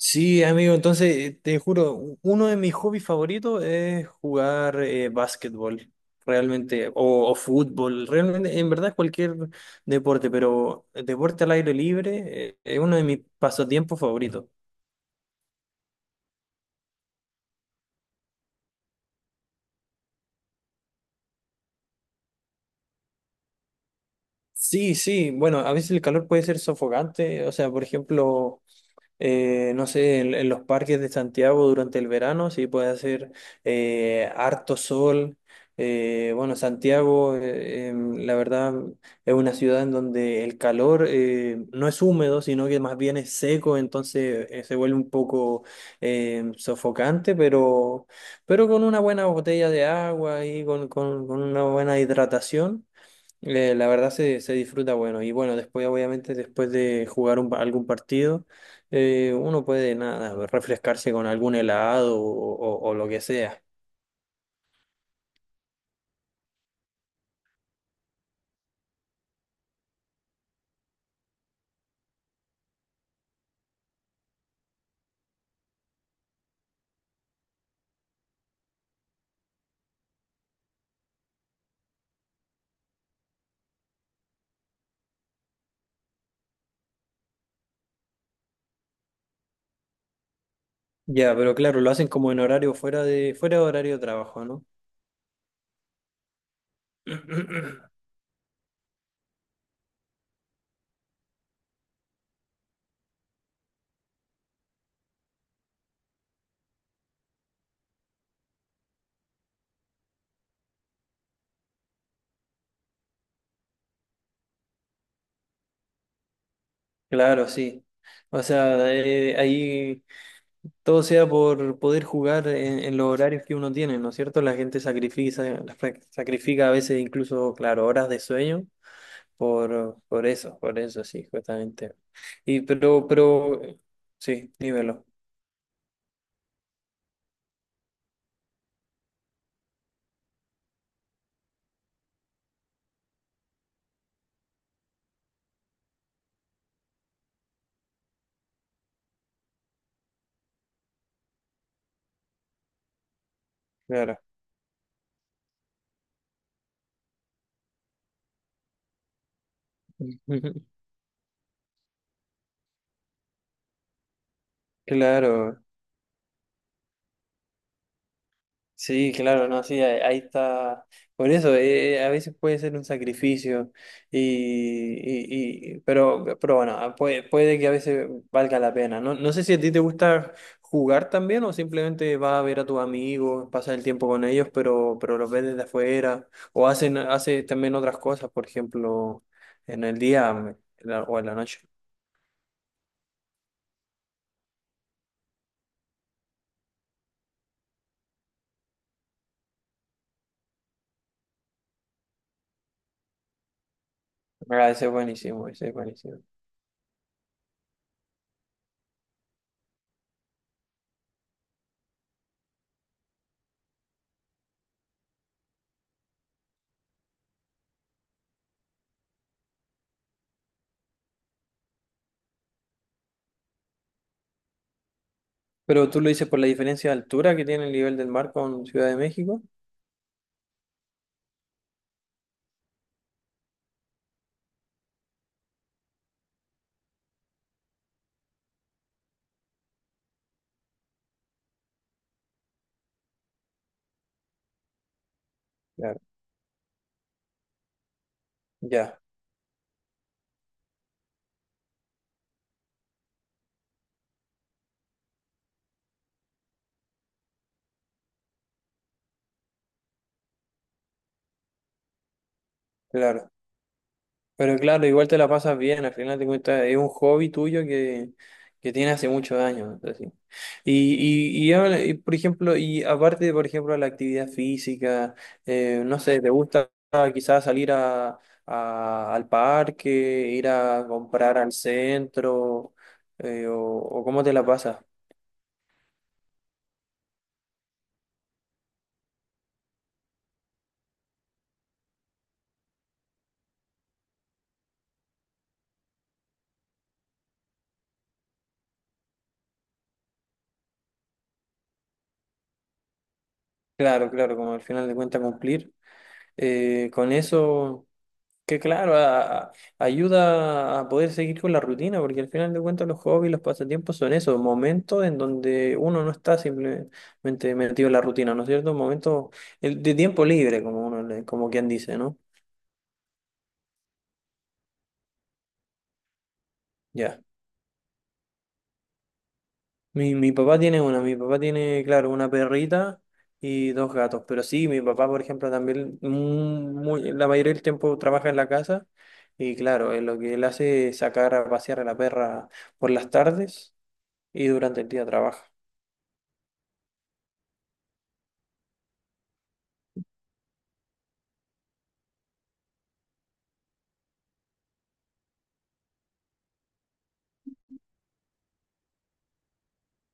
Sí, amigo, entonces te juro, uno de mis hobbies favoritos es jugar básquetbol, realmente, o fútbol, realmente, en verdad cualquier deporte, pero el deporte al aire libre es uno de mis pasatiempos favoritos. Sí, sí, bueno, a veces el calor puede ser sofocante, o sea, por ejemplo, no sé, en los parques de Santiago durante el verano, sí puede hacer harto sol. Bueno, Santiago, la verdad, es una ciudad en donde el calor no es húmedo, sino que más bien es seco, entonces se vuelve un poco sofocante, pero con una buena botella de agua y con una buena hidratación. La verdad se disfruta bueno y bueno, después obviamente después de jugar un algún partido, uno puede nada, refrescarse con algún helado o, o lo que sea. Ya, pero claro, lo hacen como en horario fuera fuera de horario de trabajo, ¿no? Claro, sí. O sea, ahí todo sea por poder jugar en los horarios que uno tiene, ¿no es cierto? La gente sacrifica, sacrifica a veces incluso, claro, horas de sueño. Por eso, sí, justamente. Y pero, sí, dímelo, claro. Claro, sí, claro, no, sí, ahí está. Por eso, a veces puede ser un sacrificio, pero bueno, ah, puede que a veces valga la pena. No, no sé si a ti te gusta jugar también o simplemente vas a ver a tus amigos, pasas el tiempo con ellos, pero los ves desde afuera o hacen, haces también otras cosas, por ejemplo, en el día en o en la noche. Ah, ese es buenísimo, ese es buenísimo. Pero tú lo dices por la diferencia de altura que tiene el nivel del mar con Ciudad de México. Ya, claro. Pero claro, igual te la pasas bien, al final te cuentas, es un hobby tuyo que tiene hace muchos años, así. Y, y, por ejemplo, y aparte, por ejemplo, de la actividad física, no sé, ¿te gusta quizás salir a, al parque, ir a comprar al centro, o cómo te la pasas? Claro, claro, como al final de cuentas cumplir con eso. Que claro, ayuda a poder seguir con la rutina, porque al final de cuentas los hobbies, los pasatiempos son eso, momentos en donde uno no está simplemente metido en la rutina, ¿no es cierto? Momentos de tiempo libre, como uno, como quien dice, ¿no? Ya. Mi papá tiene una, mi papá tiene, claro, una perrita y dos gatos, pero sí, mi papá, por ejemplo, también la mayoría del tiempo trabaja en la casa y claro, él lo que él hace es sacar a pasear a la perra por las tardes y durante el día trabaja.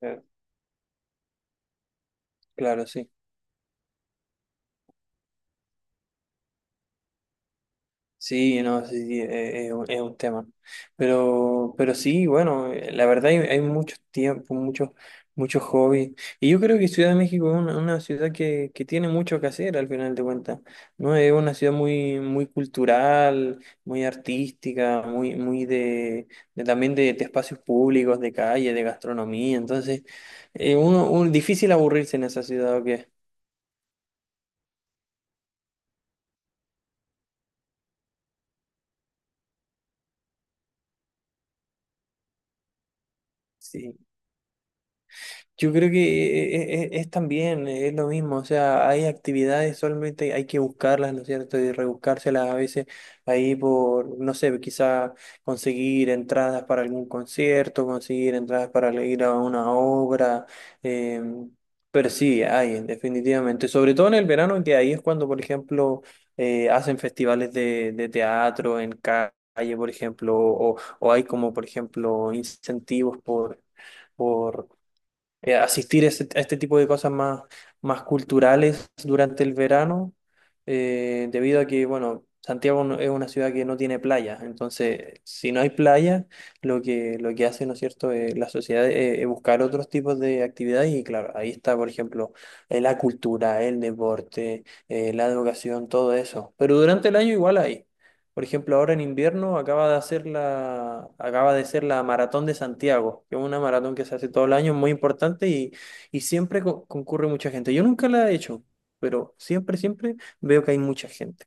Eh, Claro, sí. Sí, no, sí, sí, es un tema. Pero sí, bueno, la verdad hay, hay mucho tiempo, muchos hobbies. Y yo creo que Ciudad de México es una ciudad que tiene mucho que hacer al final de cuentas, ¿no? Es una ciudad muy, muy cultural, muy artística, muy, muy de, de espacios públicos, de calle, de gastronomía. Entonces, uno, un, difícil aburrirse en esa ciudad, ¿o qué? Sí. Yo creo que es también, es lo mismo, o sea, hay actividades, solamente hay que buscarlas, ¿no es cierto? Y rebuscárselas a veces ahí por, no sé, quizá conseguir entradas para algún concierto, conseguir entradas para ir a una obra, eh, pero sí, hay, definitivamente, sobre todo en el verano, que ahí es cuando, por ejemplo, hacen festivales de teatro en calle, por ejemplo, o hay como, por ejemplo, incentivos por asistir a este tipo de cosas más, más culturales durante el verano, debido a que, bueno, Santiago no- es una ciudad que no tiene playa, entonces si no hay playa, lo que hace, ¿no es cierto? La sociedad es buscar otros tipos de actividades y claro, ahí está, por ejemplo, la cultura, el deporte, la educación, todo eso, pero durante el año igual hay. Por ejemplo, ahora en invierno acaba de hacer la, acaba de ser la Maratón de Santiago, que es una maratón que se hace todo el año, muy importante y siempre concurre mucha gente. Yo nunca la he hecho, pero siempre, siempre veo que hay mucha gente.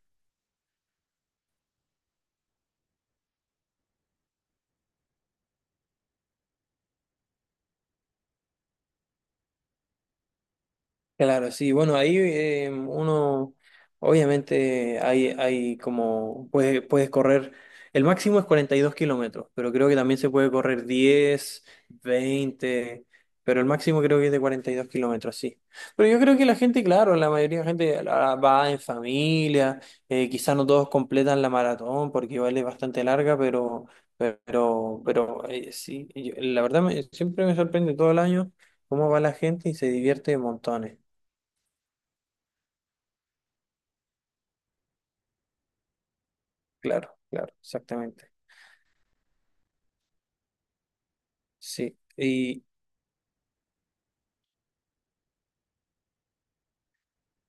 Claro, sí, bueno, ahí uno, obviamente hay como, puedes correr, el máximo es 42 kilómetros, pero creo que también se puede correr 10 20, pero el máximo creo que es de 42 kilómetros, sí. Pero yo creo que la gente, claro, la mayoría de la gente va en familia, quizás no todos completan la maratón porque vale bastante larga, pero sí, la verdad siempre me sorprende todo el año cómo va la gente y se divierte montones. Claro, claro, exactamente. Sí, y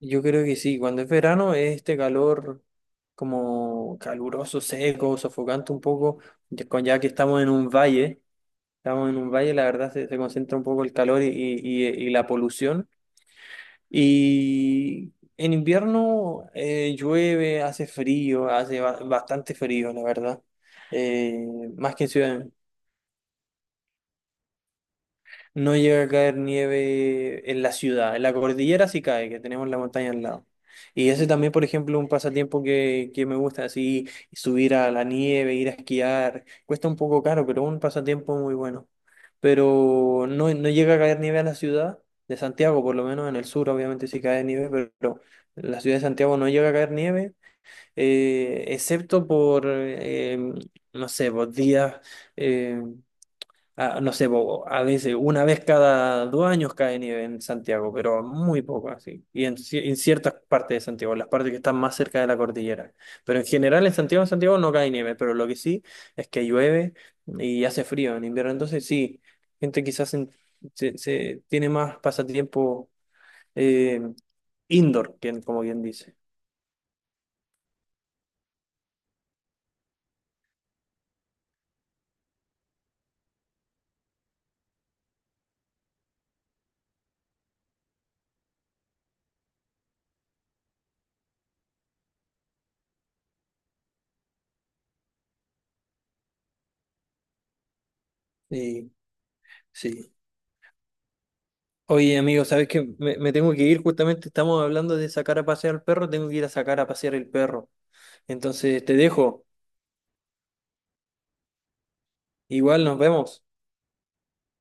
yo creo que sí, cuando es verano es este calor como caluroso, seco, sofocante un poco, ya ya que estamos en un valle, estamos en un valle, la verdad se concentra un poco el calor y la polución. Y en invierno llueve, hace frío, hace bastante frío, la verdad, Eh, más que en ciudad. No llega a caer nieve en la ciudad, en la cordillera sí cae, que tenemos la montaña al lado. Y ese también, por ejemplo, un pasatiempo que me gusta, así subir a la nieve, ir a esquiar. Cuesta un poco caro, pero un pasatiempo muy bueno. Pero no, no llega a caer nieve a la ciudad de Santiago, por lo menos en el sur, obviamente sí cae nieve, pero en la ciudad de Santiago no llega a caer nieve, excepto por, no sé, por días. eh, Ah, no sé, po, a veces una vez cada 2 años cae nieve en Santiago, pero muy poco así. Y en, en ciertas partes de Santiago, las partes que están más cerca de la cordillera. Pero en general en Santiago, Santiago no cae nieve, pero lo que sí es que llueve y hace frío en invierno. Entonces sí, gente quizás se tiene más pasatiempo eh, indoor, como bien dice. Sí, sí. Oye, amigo, ¿sabes qué? Me tengo que ir, justamente estamos hablando de sacar a pasear al perro, tengo que ir a sacar a pasear el perro. Entonces te dejo. Igual nos vemos.